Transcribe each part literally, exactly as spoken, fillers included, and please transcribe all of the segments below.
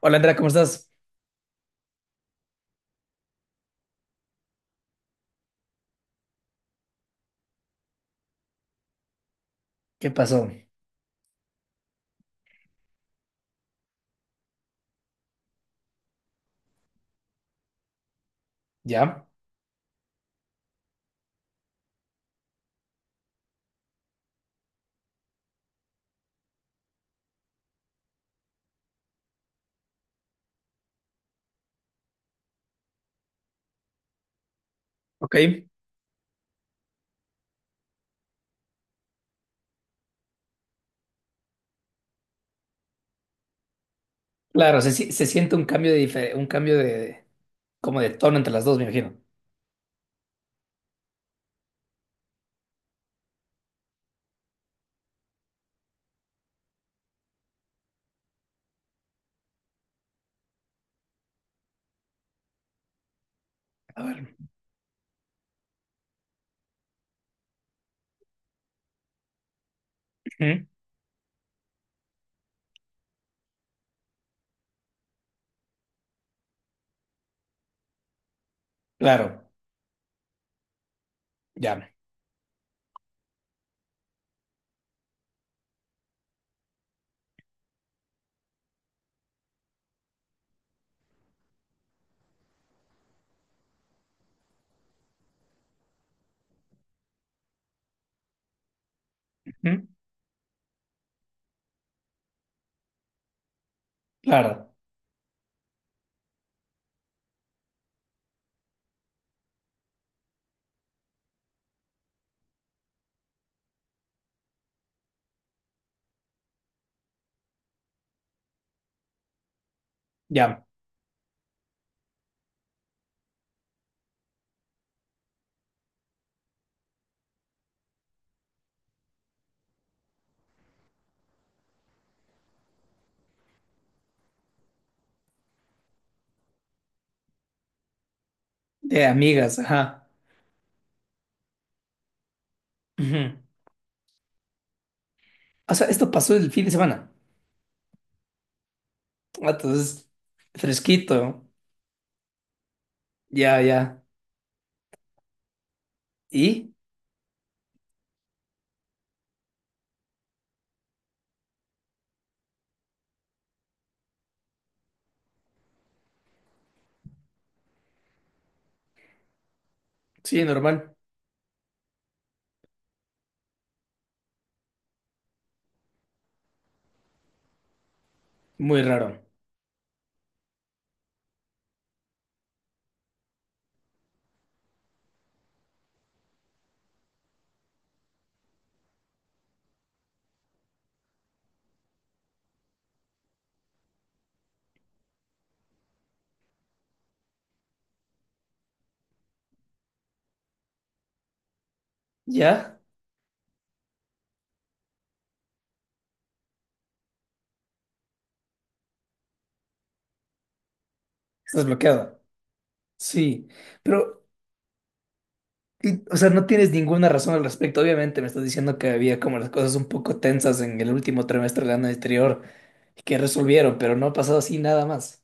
Hola Andrea, ¿cómo estás? ¿Qué pasó? ¿Ya? Ok. Claro, se, si- se siente un cambio de dife- un cambio de como de tono entre las dos, me imagino. A ver. Ujú. Claro. Ya. Ujú. Claro. Ya. De amigas, ajá. Ujú. O sea, esto pasó el fin de semana. Ah, entonces, fresquito. Ya, ya. ¿Y? Sí, normal. Muy raro. ¿Ya? Estás bloqueado. Sí. Pero y, o sea, no tienes ninguna razón al respecto. Obviamente me estás diciendo que había como las cosas un poco tensas en el último trimestre del año anterior y que resolvieron, pero no ha pasado así nada más.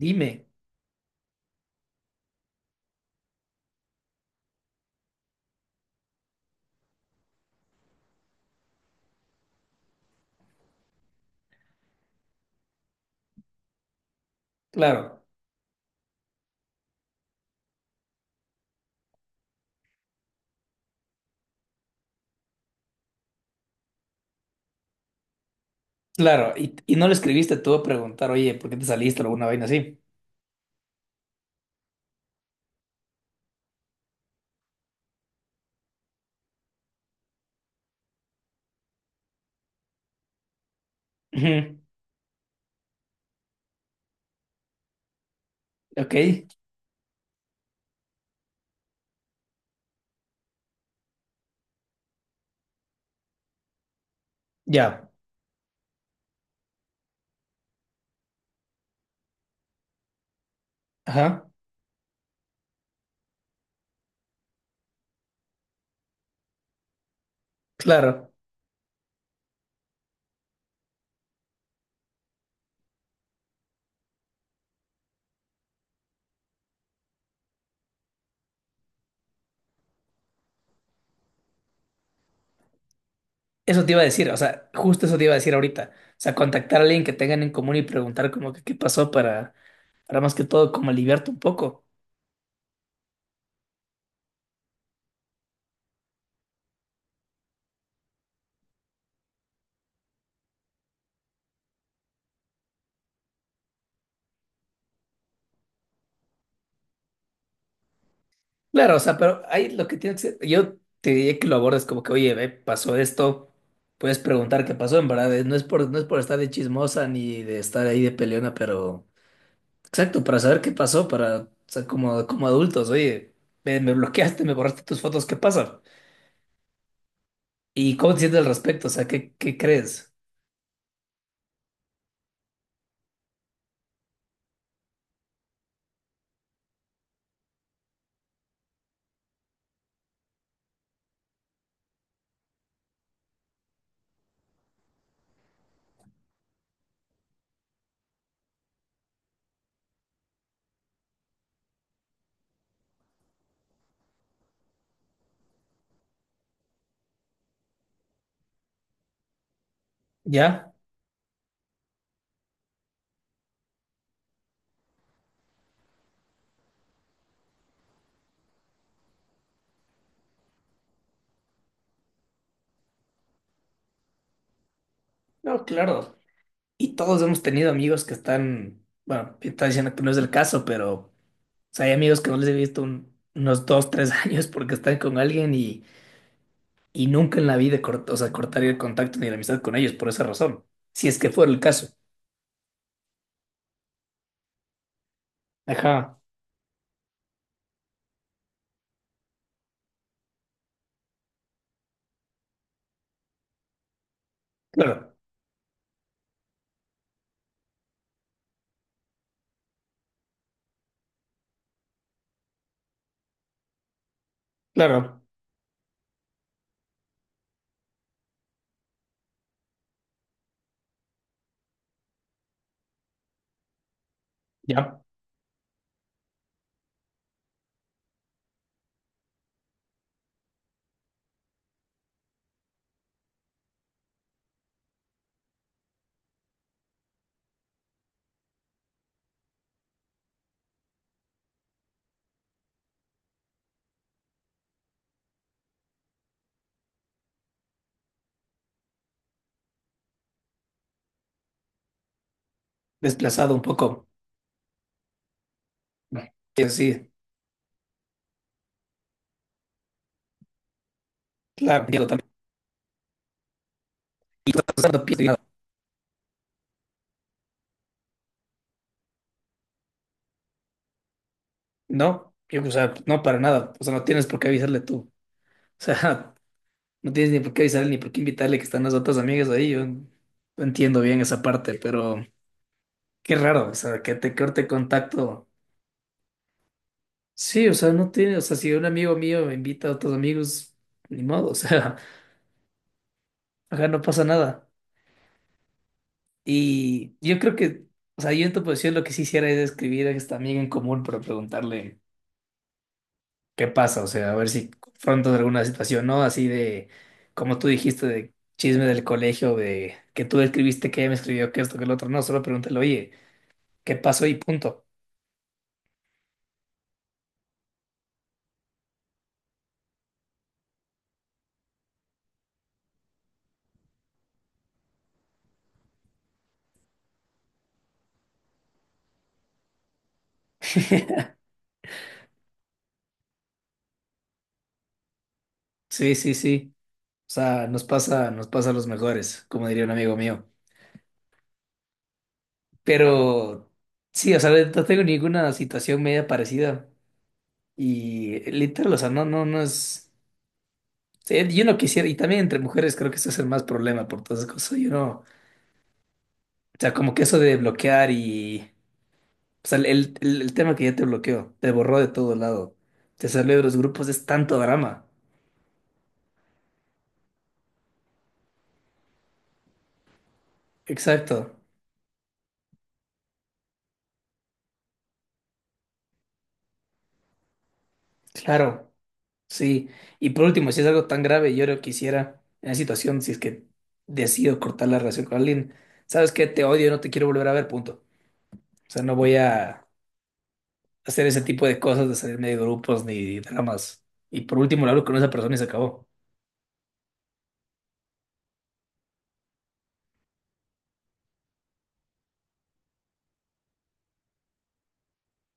Dime. Claro, claro. Y, y no le escribiste tú a preguntar, oye, ¿por qué te saliste o alguna vaina así? Ujú, ok, ya. Ajá, claro. Eso te iba a decir, o sea, justo eso te iba a decir ahorita. O sea, contactar a alguien que tengan en común y preguntar como que qué pasó para, para más que todo como aliviarte un poco. Claro, o sea, pero ahí lo que tienes que... Yo te diría que lo abordes como que, oye, ve, pasó esto, puedes preguntar qué pasó, en verdad, eh, no es por, no es por estar de chismosa ni de estar ahí de peleona, pero... Exacto, para saber qué pasó, para, o sea, como, como adultos, oye, me, me bloqueaste, me borraste tus fotos, ¿qué pasa? ¿Y cómo te sientes al respecto? O sea, ¿qué, qué crees? ¿Ya? No, claro. Y todos hemos tenido amigos que están, bueno, están diciendo que no es el caso, pero... O sea, hay amigos que no les he visto un- unos dos, tres años porque están con alguien. y Y nunca en la vida cort- o sea, cortaría el contacto ni la amistad con ellos por esa razón, si es que fuera el caso. Ajá, claro, claro, ya, desplazado un poco. Sí, sí, claro, Diego, también. Y tú estás dando pie- no, yo, o sea, no para nada, o sea, no tienes por qué avisarle tú. O sea, no tienes ni por qué avisarle ni por qué invitarle que están las otras amigas ahí. Yo no entiendo bien esa parte, pero qué raro, o sea, que te corte contacto. Sí, o sea, no tiene, o sea, si un amigo mío invita a otros amigos, ni modo, o sea. Ajá, no pasa nada. Y yo creo que, o sea, yo en tu posición lo que sí hiciera es escribir a esta amiga en común para preguntarle qué pasa, o sea, a ver si confrontas alguna situación, ¿no? Así de, como tú dijiste, de chisme del colegio, de que tú escribiste que ella me escribió que esto, que el otro, no, solo pregúntale, oye, ¿qué pasó? Y punto. Sí, sí, sí. O sea, nos pasa, nos pasa a los mejores, como diría un amigo mío. Pero sí, o sea, no tengo ninguna situación media parecida. Y eh, literal, o sea, no, no, no es. Sí, yo no quisiera, y también entre mujeres creo que eso es el más problema por todas esas cosas. Yo no. O sea, como que eso de bloquear y. O sea, el, el, el tema que ya te bloqueó, te borró de todo lado, te salió de los grupos, es tanto drama. Exacto, claro, sí. Y por último, si es algo tan grave, yo no quisiera, en la situación, si es que decido cortar la relación con alguien, ¿sabes qué? Te odio, no te quiero volver a ver, punto. O sea, no voy a hacer ese tipo de cosas, de salirme de grupos ni dramas. Y por último, le hablo con esa persona y se acabó.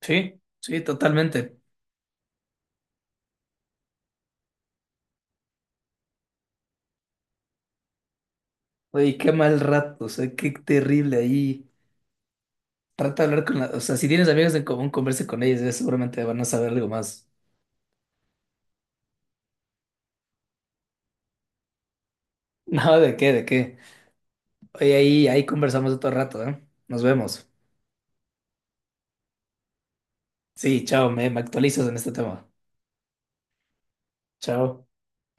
Sí, sí, totalmente. Oye, qué mal rato, o sea, qué terrible ahí. Trata de hablar con la, o sea, si tienes amigos en común, converse con ellos, ellos seguramente van a saber algo más. No, ¿de qué? ¿De qué? Oye, ahí, ahí conversamos otro rato, ¿eh? Nos vemos. Sí, chao, me, me actualizas en este tema. Chao.